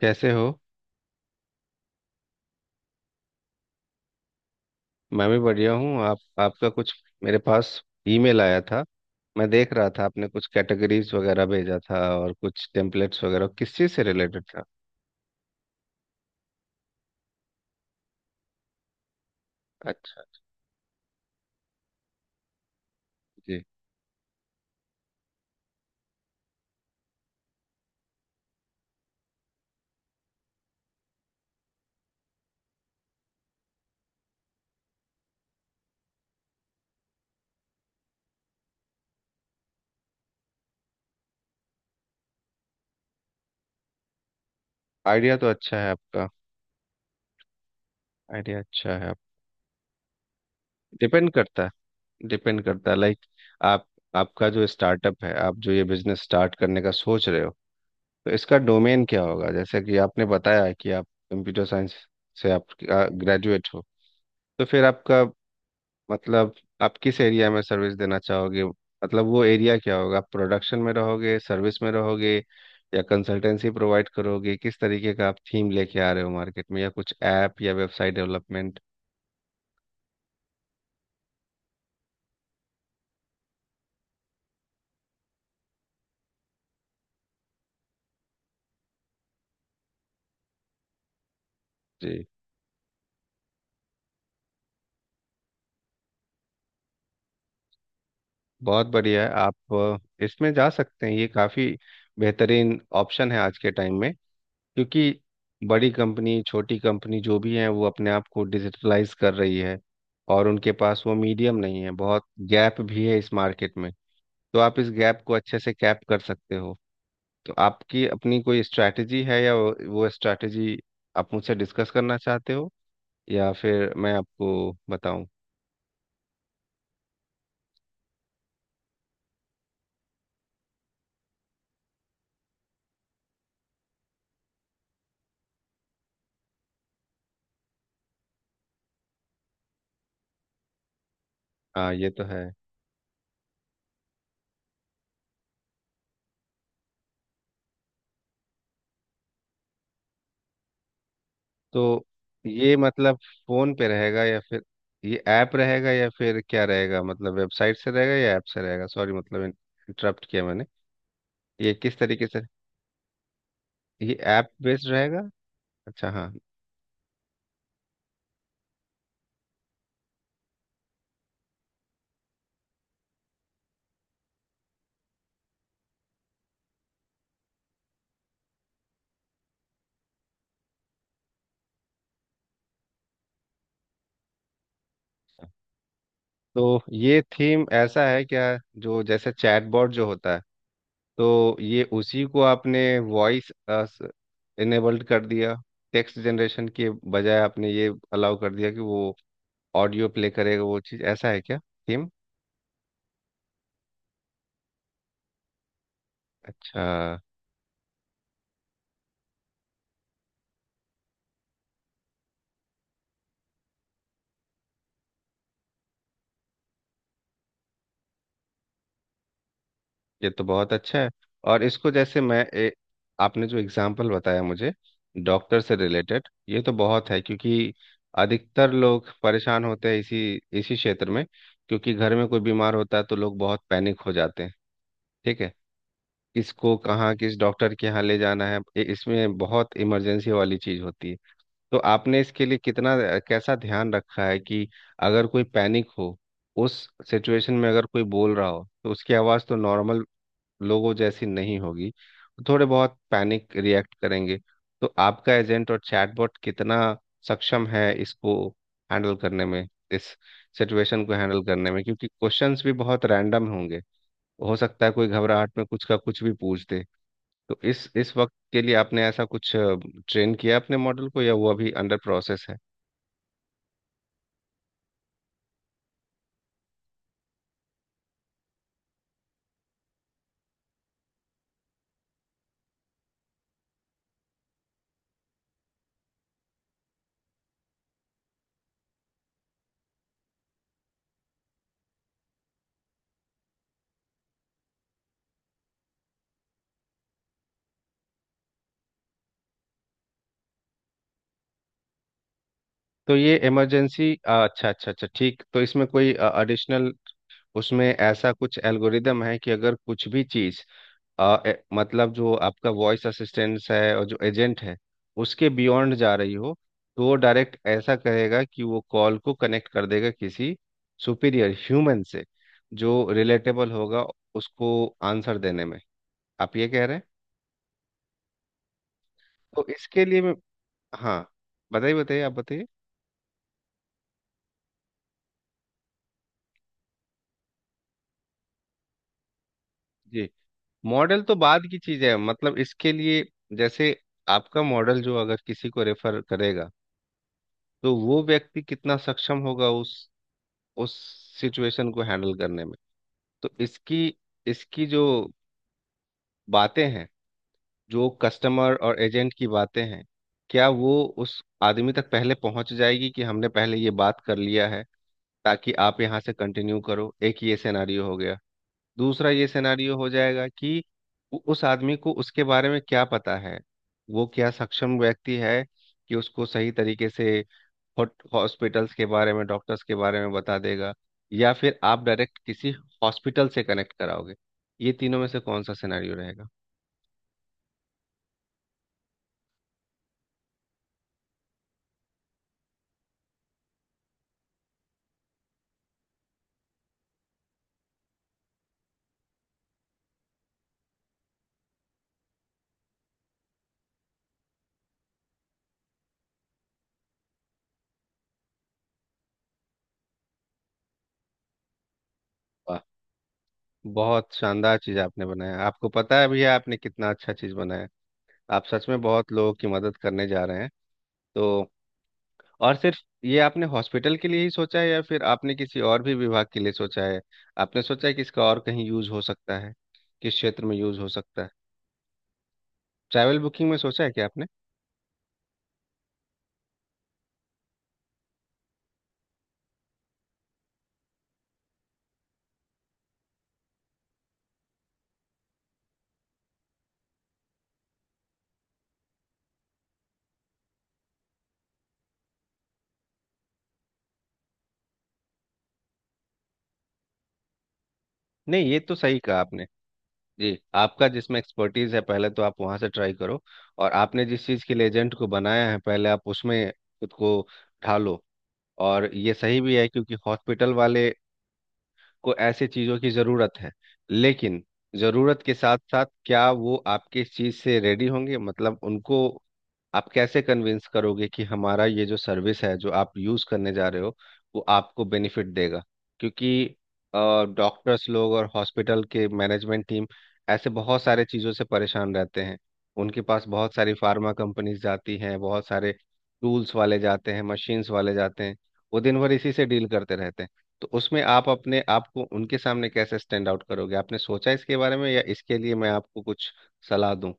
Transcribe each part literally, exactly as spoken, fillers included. कैसे हो। मैं भी बढ़िया हूँ। आप आपका कुछ मेरे पास ईमेल आया था। मैं देख रहा था आपने कुछ कैटेगरीज वगैरह भेजा था और कुछ टेम्पलेट्स वगैरह, किस चीज़ से रिलेटेड था? अच्छा। जी। आइडिया तो अच्छा है आपका। आइडिया अच्छा है। आप डिपेंड करता है, डिपेंड करता है। लाइक, आप आपका जो स्टार्टअप है, आप जो ये बिजनेस स्टार्ट करने का सोच रहे हो, तो इसका डोमेन क्या होगा? जैसे कि आपने बताया कि आप कंप्यूटर साइंस से आप ग्रेजुएट हो, तो फिर आपका मतलब आप किस एरिया में सर्विस देना चाहोगे? मतलब वो एरिया क्या होगा? आप प्रोडक्शन में रहोगे, सर्विस में रहोगे, या कंसल्टेंसी प्रोवाइड करोगे? किस तरीके का आप थीम लेके आ रहे हो मार्केट में, या कुछ ऐप या वेबसाइट डेवलपमेंट? जी, बहुत बढ़िया है। आप अ, इसमें जा सकते हैं। ये काफ़ी बेहतरीन ऑप्शन है आज के टाइम में। क्योंकि बड़ी कंपनी छोटी कंपनी जो भी है वो अपने आप को डिजिटलाइज कर रही है, और उनके पास वो मीडियम नहीं है, बहुत गैप भी है इस मार्केट में। तो आप इस गैप को अच्छे से कैप कर सकते हो। तो आपकी अपनी कोई स्ट्रैटेजी है, या वो वो स्ट्रैटेजी आप मुझसे डिस्कस करना चाहते हो, या फिर मैं आपको बताऊं? हाँ, ये तो है। तो ये मतलब फोन पे रहेगा या फिर ये ऐप रहेगा, या फिर क्या रहेगा? मतलब वेबसाइट से रहेगा या ऐप से रहेगा? सॉरी, मतलब इंटरप्ट किया मैंने। ये किस तरीके से, ये ऐप बेस्ड रहेगा? अच्छा, हाँ। तो ये थीम ऐसा है क्या, जो जैसे चैटबॉट जो होता है, तो ये उसी को आपने वॉइस इनेबल्ड कर दिया? टेक्स्ट जनरेशन के बजाय आपने ये अलाउ कर दिया कि वो ऑडियो प्ले करेगा? वो चीज़ ऐसा है क्या थीम? अच्छा। ये तो बहुत अच्छा है। और इसको जैसे मैं ए, आपने जो एग्जांपल बताया मुझे डॉक्टर से रिलेटेड, ये तो बहुत है। क्योंकि अधिकतर लोग परेशान होते हैं इसी इसी क्षेत्र में। क्योंकि घर में कोई बीमार होता है तो लोग बहुत पैनिक हो जाते हैं। ठीक है। किसको कहाँ किस डॉक्टर के यहाँ ले जाना है, इ- इसमें बहुत इमरजेंसी वाली चीज होती है। तो आपने इसके लिए कितना कैसा ध्यान रखा है कि अगर कोई पैनिक हो, उस सिचुएशन में अगर कोई बोल रहा हो, तो उसकी आवाज़ तो नॉर्मल लोगों जैसी नहीं होगी, थोड़े बहुत पैनिक रिएक्ट करेंगे। तो आपका एजेंट और चैटबॉट कितना सक्षम है इसको हैंडल करने में, इस सिचुएशन को हैंडल करने में? क्योंकि क्वेश्चंस भी बहुत रैंडम होंगे। हो सकता है कोई घबराहट में कुछ का कुछ भी पूछ दे। तो इस इस वक्त के लिए आपने ऐसा कुछ ट्रेन किया अपने मॉडल को, या वो अभी अंडर प्रोसेस है? तो ये इमरजेंसी, अच्छा अच्छा अच्छा, ठीक। तो इसमें कोई एडिशनल उसमें ऐसा कुछ एल्गोरिदम है कि अगर कुछ भी चीज़ अ, ए- मतलब जो आपका वॉइस असिस्टेंस है और जो एजेंट है, उसके बियॉन्ड जा रही हो, तो वो डायरेक्ट ऐसा कहेगा कि वो कॉल को कनेक्ट कर देगा किसी सुपीरियर ह्यूमन से जो रिलेटेबल होगा उसको आंसर देने में, आप ये कह रहे हैं? तो इसके लिए, हाँ, बताइए बताइए, आप बताइए। जी। मॉडल तो बाद की चीज़ है, मतलब इसके लिए जैसे आपका मॉडल जो अगर किसी को रेफर करेगा, तो वो व्यक्ति कितना सक्षम होगा उस उस सिचुएशन को हैंडल करने में? तो इसकी इसकी जो बातें हैं, जो कस्टमर और एजेंट की बातें हैं, क्या वो उस आदमी तक पहले पहुंच जाएगी कि हमने पहले ये बात कर लिया है, ताकि आप यहाँ से कंटिन्यू करो, एक ये सिनेरियो हो गया। दूसरा ये सिनेरियो हो जाएगा कि उ- उस आदमी को उसके बारे में क्या पता है, वो क्या सक्षम व्यक्ति है कि उसको सही तरीके से हॉस्पिटल्स के बारे में डॉक्टर्स के बारे में बता देगा, या फिर आप डायरेक्ट किसी हॉस्पिटल से कनेक्ट कराओगे? ये तीनों में से कौन सा सिनेरियो रहेगा? वाह, बहुत शानदार चीज आपने बनाया। आपको पता है भैया, आपने कितना अच्छा चीज बनाया। आप सच में बहुत लोगों की मदद करने जा रहे हैं। तो और सिर्फ ये आपने हॉस्पिटल के लिए ही सोचा है, या फिर आपने किसी और भी विभाग के लिए सोचा है? आपने सोचा है कि इसका और कहीं यूज हो सकता है, किस क्षेत्र में यूज हो सकता है? ट्रैवल बुकिंग में सोचा है क्या आपने? नहीं, ये तो सही कहा आपने। जी, आपका जिसमें एक्सपर्टीज है, पहले तो आप वहां से ट्राई करो। और आपने जिस चीज के लिए एजेंट को बनाया है, पहले आप उसमें खुद को ढालो। और ये सही भी है, क्योंकि हॉस्पिटल वाले को ऐसे चीजों की जरूरत है। लेकिन जरूरत के साथ साथ क्या वो आपके इस चीज से रेडी होंगे? मतलब उनको आप कैसे कन्विंस करोगे कि हमारा ये जो सर्विस है जो आप यूज करने जा रहे हो, वो आपको बेनिफिट देगा? क्योंकि डॉक्टर्स लोग और हॉस्पिटल के मैनेजमेंट टीम ऐसे बहुत सारे चीज़ों से परेशान रहते हैं। उनके पास बहुत सारी फार्मा कंपनीज जाती हैं, बहुत सारे टूल्स वाले जाते हैं, मशीन्स वाले जाते हैं। वो दिन भर इसी से डील करते रहते हैं। तो उसमें आप अपने आप को उनके सामने कैसे स्टैंड आउट करोगे? आपने सोचा इसके बारे में, या इसके लिए मैं आपको कुछ सलाह दूं?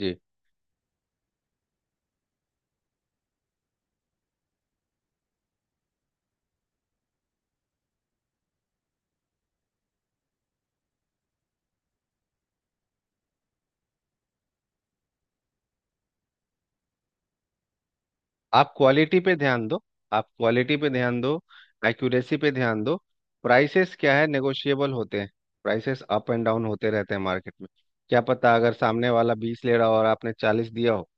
जी। आप क्वालिटी पे ध्यान दो। आप क्वालिटी पे ध्यान दो। एक्यूरेसी पे ध्यान दो। प्राइसेस क्या है, नेगोशिएबल होते हैं। प्राइसेस अप एंड डाउन होते रहते हैं मार्केट में। क्या पता अगर सामने वाला बीस ले रहा हो और आपने चालीस दिया हो,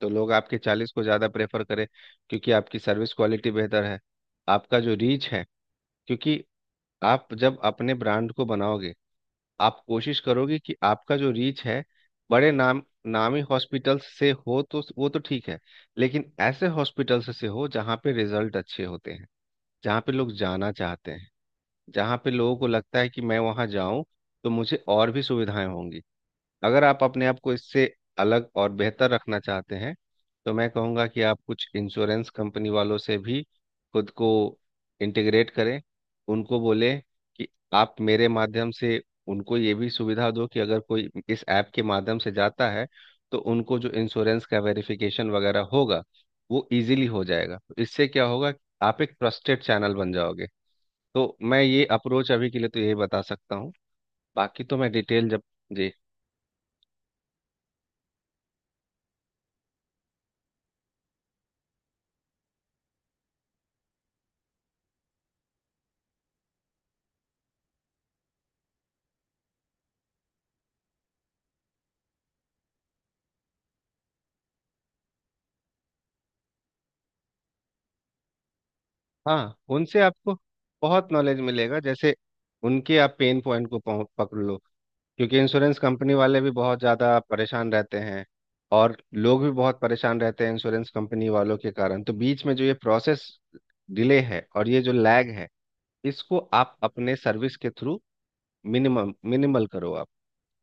तो लोग आपके चालीस को ज़्यादा प्रेफर करें, क्योंकि आपकी सर्विस क्वालिटी बेहतर है। आपका जो रीच है, क्योंकि आप जब अपने ब्रांड को बनाओगे, आप कोशिश करोगे कि आपका जो रीच है बड़े नाम नामी हॉस्पिटल से हो, तो वो तो ठीक है। लेकिन ऐसे हॉस्पिटल से, से हो जहाँ पे रिजल्ट अच्छे होते हैं, जहाँ पे लोग जाना चाहते हैं, जहाँ पे लोगों को लगता है कि मैं वहाँ जाऊं तो मुझे और भी सुविधाएं होंगी। अगर आप अपने आप को इससे अलग और बेहतर रखना चाहते हैं, तो मैं कहूँगा कि आप कुछ इंश्योरेंस कंपनी वालों से भी खुद को इंटीग्रेट करें। उनको बोले कि आप मेरे माध्यम से उनको ये भी सुविधा दो कि अगर कोई इस ऐप के माध्यम से जाता है, तो उनको जो इंश्योरेंस का वेरिफिकेशन वगैरह होगा, वो इजीली हो जाएगा। तो इससे क्या होगा, आप एक ट्रस्टेड चैनल बन जाओगे। तो मैं ये अप्रोच अभी के लिए तो यही बता सकता हूँ। बाकी तो मैं डिटेल जब, जी हाँ, उनसे आपको बहुत नॉलेज मिलेगा। जैसे उनके आप पेन पॉइंट को पहुं- पकड़ लो। क्योंकि इंश्योरेंस कंपनी वाले भी बहुत ज़्यादा परेशान रहते हैं, और लोग भी बहुत परेशान रहते हैं इंश्योरेंस कंपनी वालों के कारण। तो बीच में जो ये प्रोसेस डिले है और ये जो लैग है, इसको आप अपने सर्विस के थ्रू मिनिमम मिनिमल करो आप।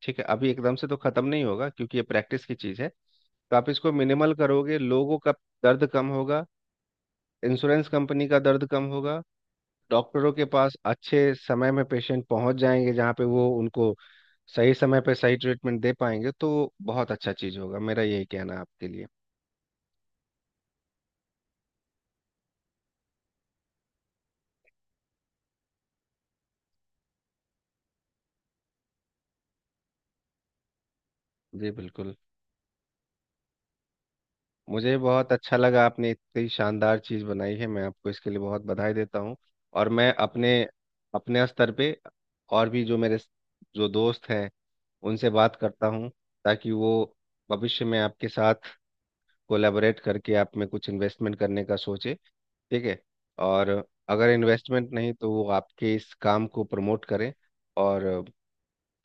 ठीक है, अभी एकदम से तो ख़त्म नहीं होगा क्योंकि ये प्रैक्टिस की चीज़ है। तो आप इसको मिनिमल करोगे, लोगों का दर्द कम होगा, इंश्योरेंस कंपनी का दर्द कम होगा, डॉक्टरों के पास अच्छे समय में पेशेंट पहुंच जाएंगे जहाँ पे वो उनको सही समय पे सही ट्रीटमेंट दे पाएंगे। तो बहुत अच्छा चीज़ होगा, मेरा यही कहना है आपके लिए। जी बिल्कुल। मुझे बहुत अच्छा लगा, आपने इतनी शानदार चीज़ बनाई है, मैं आपको इसके लिए बहुत बधाई देता हूँ। और मैं अपने अपने स्तर पे और भी जो मेरे जो दोस्त हैं उनसे बात करता हूँ, ताकि वो भविष्य में आपके साथ कोलैबोरेट करके आप में कुछ इन्वेस्टमेंट करने का सोचे। ठीक है। और अगर इन्वेस्टमेंट नहीं, तो वो आपके इस काम को प्रमोट करें। और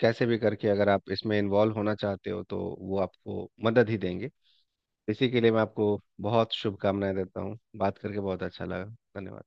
कैसे भी करके अगर आप इसमें इन्वॉल्व होना चाहते हो, तो वो आपको मदद ही देंगे। इसी के लिए मैं आपको बहुत शुभकामनाएं देता हूँ। बात करके बहुत अच्छा लगा। धन्यवाद।